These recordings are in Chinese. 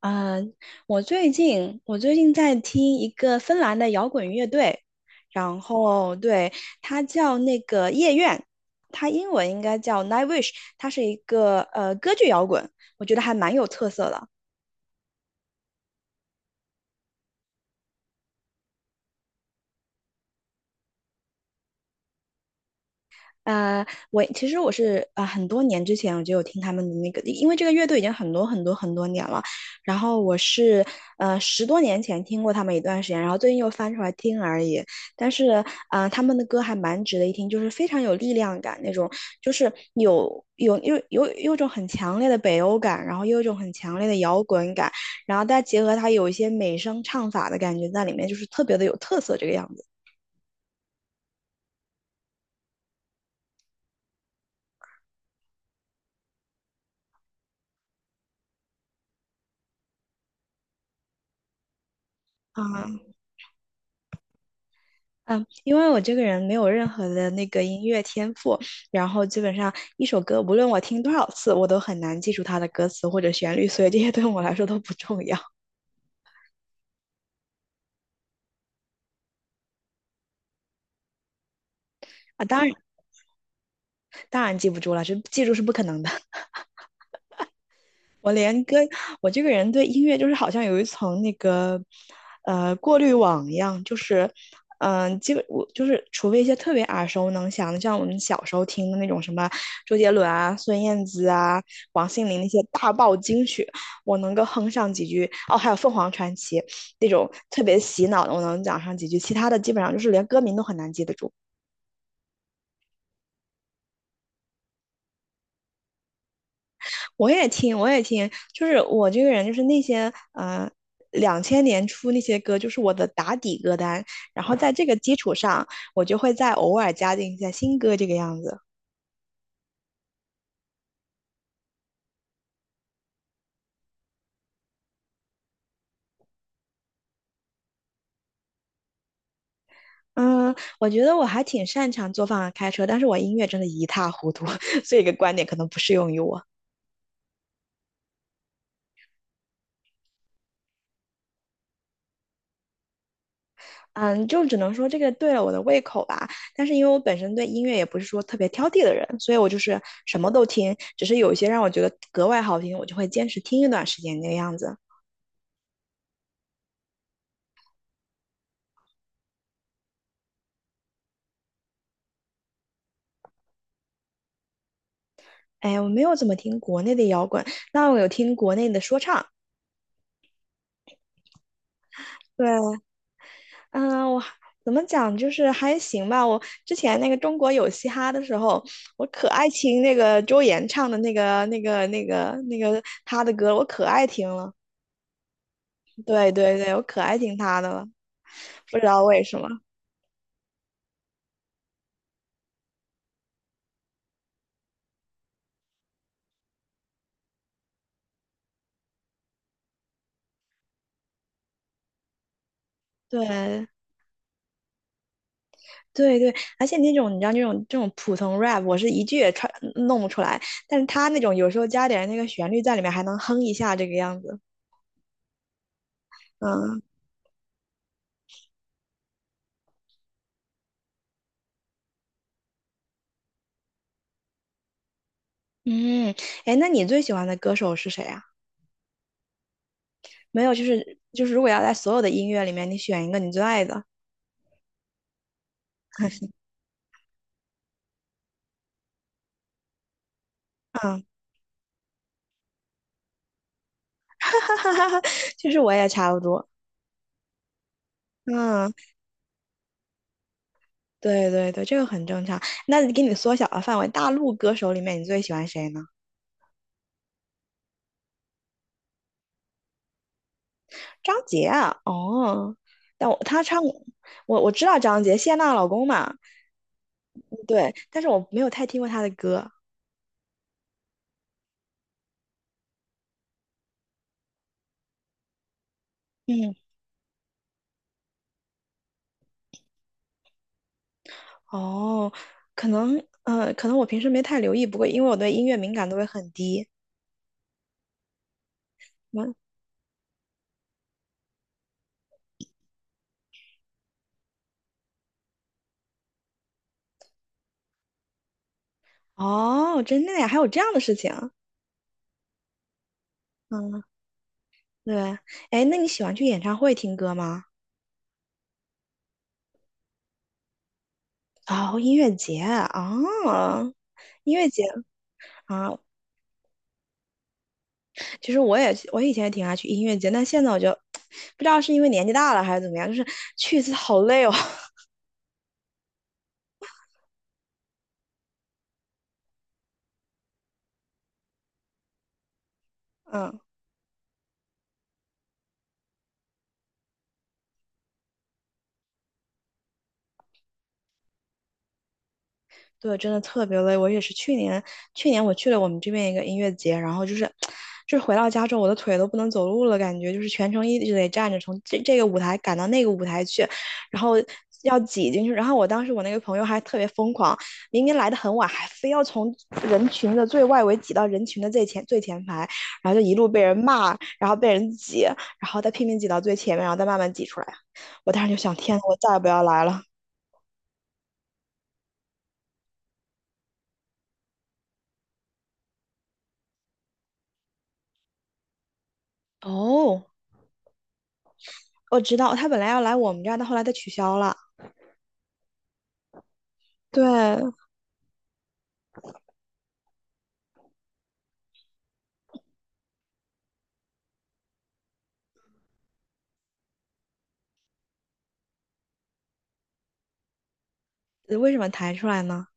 啊。我最近在听一个芬兰的摇滚乐队，然后对，它叫那个夜愿，它英文应该叫 Nightwish，它是一个歌剧摇滚，我觉得还蛮有特色的。呃，我其实我是呃很多年之前我就有听他们的那个，因为这个乐队已经很多很多很多年了，然后十多年前听过他们一段时间，然后最近又翻出来听而已。但是他们的歌还蛮值得一听，就是非常有力量感那种，就是有一种很强烈的北欧感，然后又有一种很强烈的摇滚感，然后再结合它有一些美声唱法的感觉在里面，就是特别的有特色这个样子啊。嗯，因为我这个人没有任何的那个音乐天赋，然后基本上一首歌，无论我听多少次，我都很难记住它的歌词或者旋律，所以这些对我来说都不重要啊。当然，当然记不住了，这记住是不可能的。我连歌，我这个人对音乐就是好像有一层那个过滤网一样，就是基本我就是除非一些特别耳熟能详的，像我们小时候听的那种什么周杰伦啊、孙燕姿啊、王心凌那些大爆金曲，我能够哼上几句。哦，还有凤凰传奇那种特别洗脑的，我能讲上几句，其他的基本上就是连歌名都很难记得住。我也听，我也听，就是我这个人，就是那些两千年初那些歌，就是我的打底歌单。然后在这个基础上，我就会再偶尔加进一些新歌，这个样子。嗯，我觉得我还挺擅长做饭和开车，但是我音乐真的一塌糊涂，所以这个观点可能不适用于我。嗯，就只能说这个对了我的胃口吧。但是因为我本身对音乐也不是说特别挑剔的人，所以我就是什么都听，只是有一些让我觉得格外好听，我就会坚持听一段时间那个样子。哎呀，我没有怎么听国内的摇滚，但我有听国内的说唱。对，嗯，我还怎么讲，就是还行吧。我之前那个中国有嘻哈的时候，我可爱听那个周岩唱的那个他的歌，我可爱听了。对对对，我可爱听他的了，不知道为什么。对对对，而且那种你知道那种这种普通 rap，我是一句也唱弄不出来，但是他那种有时候加点那个旋律在里面，还能哼一下这个样子。嗯，嗯，哎，那你最喜欢的歌手是谁啊？没有，就是就是，如果要在所有的音乐里面，你选一个你最爱的，嗯，其实我也差不多，嗯，对对对，这个很正常。那给你缩小了范围，大陆歌手里面你最喜欢谁呢？张杰啊，哦，但我他唱我我知道张杰，谢娜老公嘛，对，但是我没有太听过他的歌，嗯，哦，可能我平时没太留意，不过因为我对音乐敏感度也很低。嗯。哦，真的呀，还有这样的事情。嗯，对。哎，那你喜欢去演唱会听歌吗？哦，音乐节啊，音乐节啊，其实我以前也挺爱去音乐节，但现在我就 不知道是因为年纪大了还是怎么样，就是去一次好累哦。嗯。对，真的特别累。我也是去年，我去了我们这边一个音乐节，然后就是回到家之后，我的腿都不能走路了，感觉就是全程一直得站着，从这个舞台赶到那个舞台去，然后要挤进去。然后我当时我那个朋友还特别疯狂，明明来的很晚，还非要从人群的最外围挤到人群的最前最前排，然后就一路被人骂，然后被人挤，然后再拼命挤到最前面，然后再慢慢挤出来。我当时就想，天呐我再也不要来了。哦，我知道他本来要来我们这儿，但后来他取消了。对，为什么弹出来呢？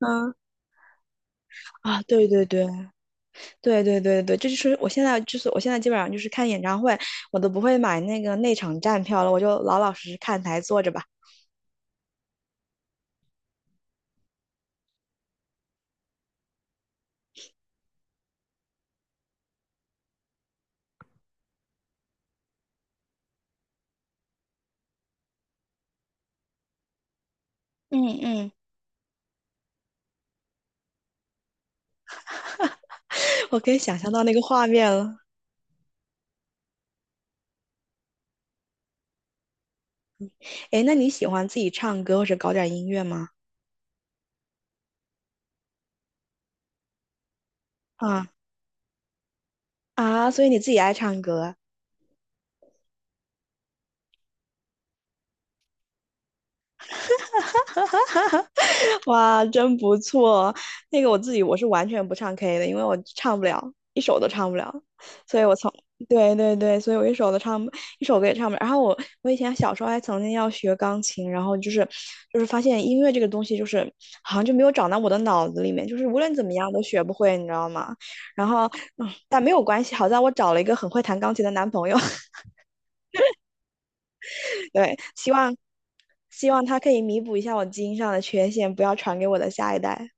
嗯啊，对对对对对对对，这就是我现在基本上就是看演唱会，我都不会买那个内场站票了，我就老老实实看台坐着吧。嗯嗯，我可以想象到那个画面了。诶，那你喜欢自己唱歌或者搞点音乐吗？啊。啊，所以你自己爱唱歌，哇，真不错。那个我自己我是完全不唱 K 的，因为我唱不了，一首都唱不了。对对对，所以我一首歌也唱不了。然后我以前小时候还曾经要学钢琴，然后就是发现音乐这个东西就是好像就没有长到我的脑子里面，就是无论怎么样都学不会，你知道吗？然后嗯，但没有关系，好在我找了一个很会弹钢琴的男朋友，对，希望他可以弥补一下我基因上的缺陷，不要传给我的下一代。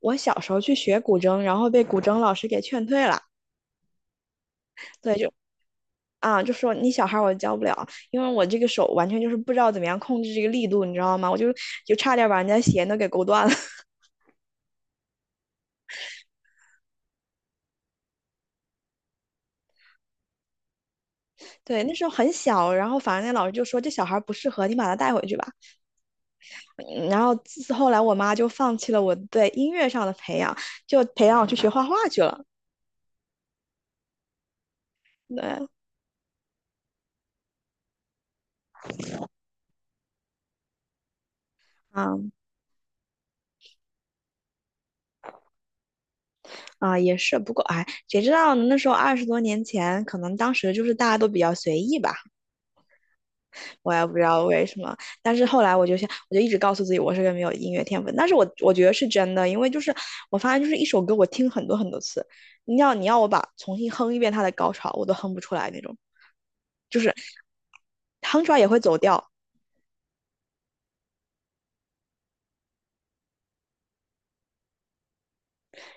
我小时候去学古筝，然后被古筝老师给劝退了。对，就说你小孩儿我教不了，因为我这个手完全就是不知道怎么样控制这个力度，你知道吗？我就差点把人家鞋都给勾断了。对，那时候很小，然后反正那老师就说这小孩儿不适合，你把他带回去吧。嗯。然后自后来我妈就放弃了我对音乐上的培养，就培养我去学画画去了。对。啊。啊，也是，不过哎，谁知道呢那时候20多年前，可能当时就是大家都比较随意吧。我也不知道为什么，但是后来我就想，我就一直告诉自己我是个没有音乐天分，但是我觉得是真的，因为就是我发现就是一首歌我听很多很多次，你要我把重新哼一遍它的高潮，我都哼不出来那种，就是哼出来也会走调。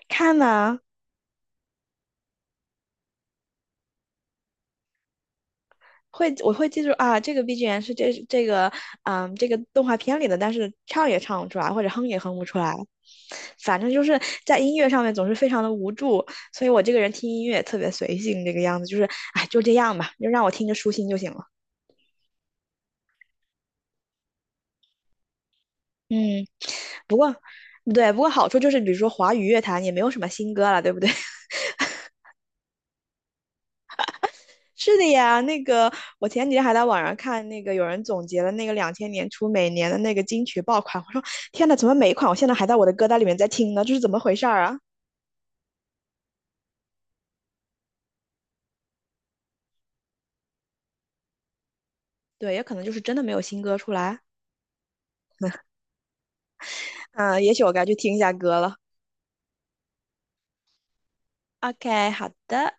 看呐。会，我会记住啊，这个 BGM 是这个动画片里的，但是唱也唱不出来，或者哼也哼不出来，反正就是在音乐上面总是非常的无助，所以我这个人听音乐也特别随性，这个样子就是哎就这样吧，就让我听着舒心就行了。嗯，不过对，不过好处就是比如说华语乐坛也没有什么新歌了，对不对？是的呀，那个我前几天还在网上看那个有人总结了那个两千年初每年的那个金曲爆款，我说天呐，怎么每一款我现在还在我的歌单里面在听呢？这是怎么回事儿啊？对，也可能就是真的没有新歌出来，嗯，也许我该去听一下歌了。OK，好的。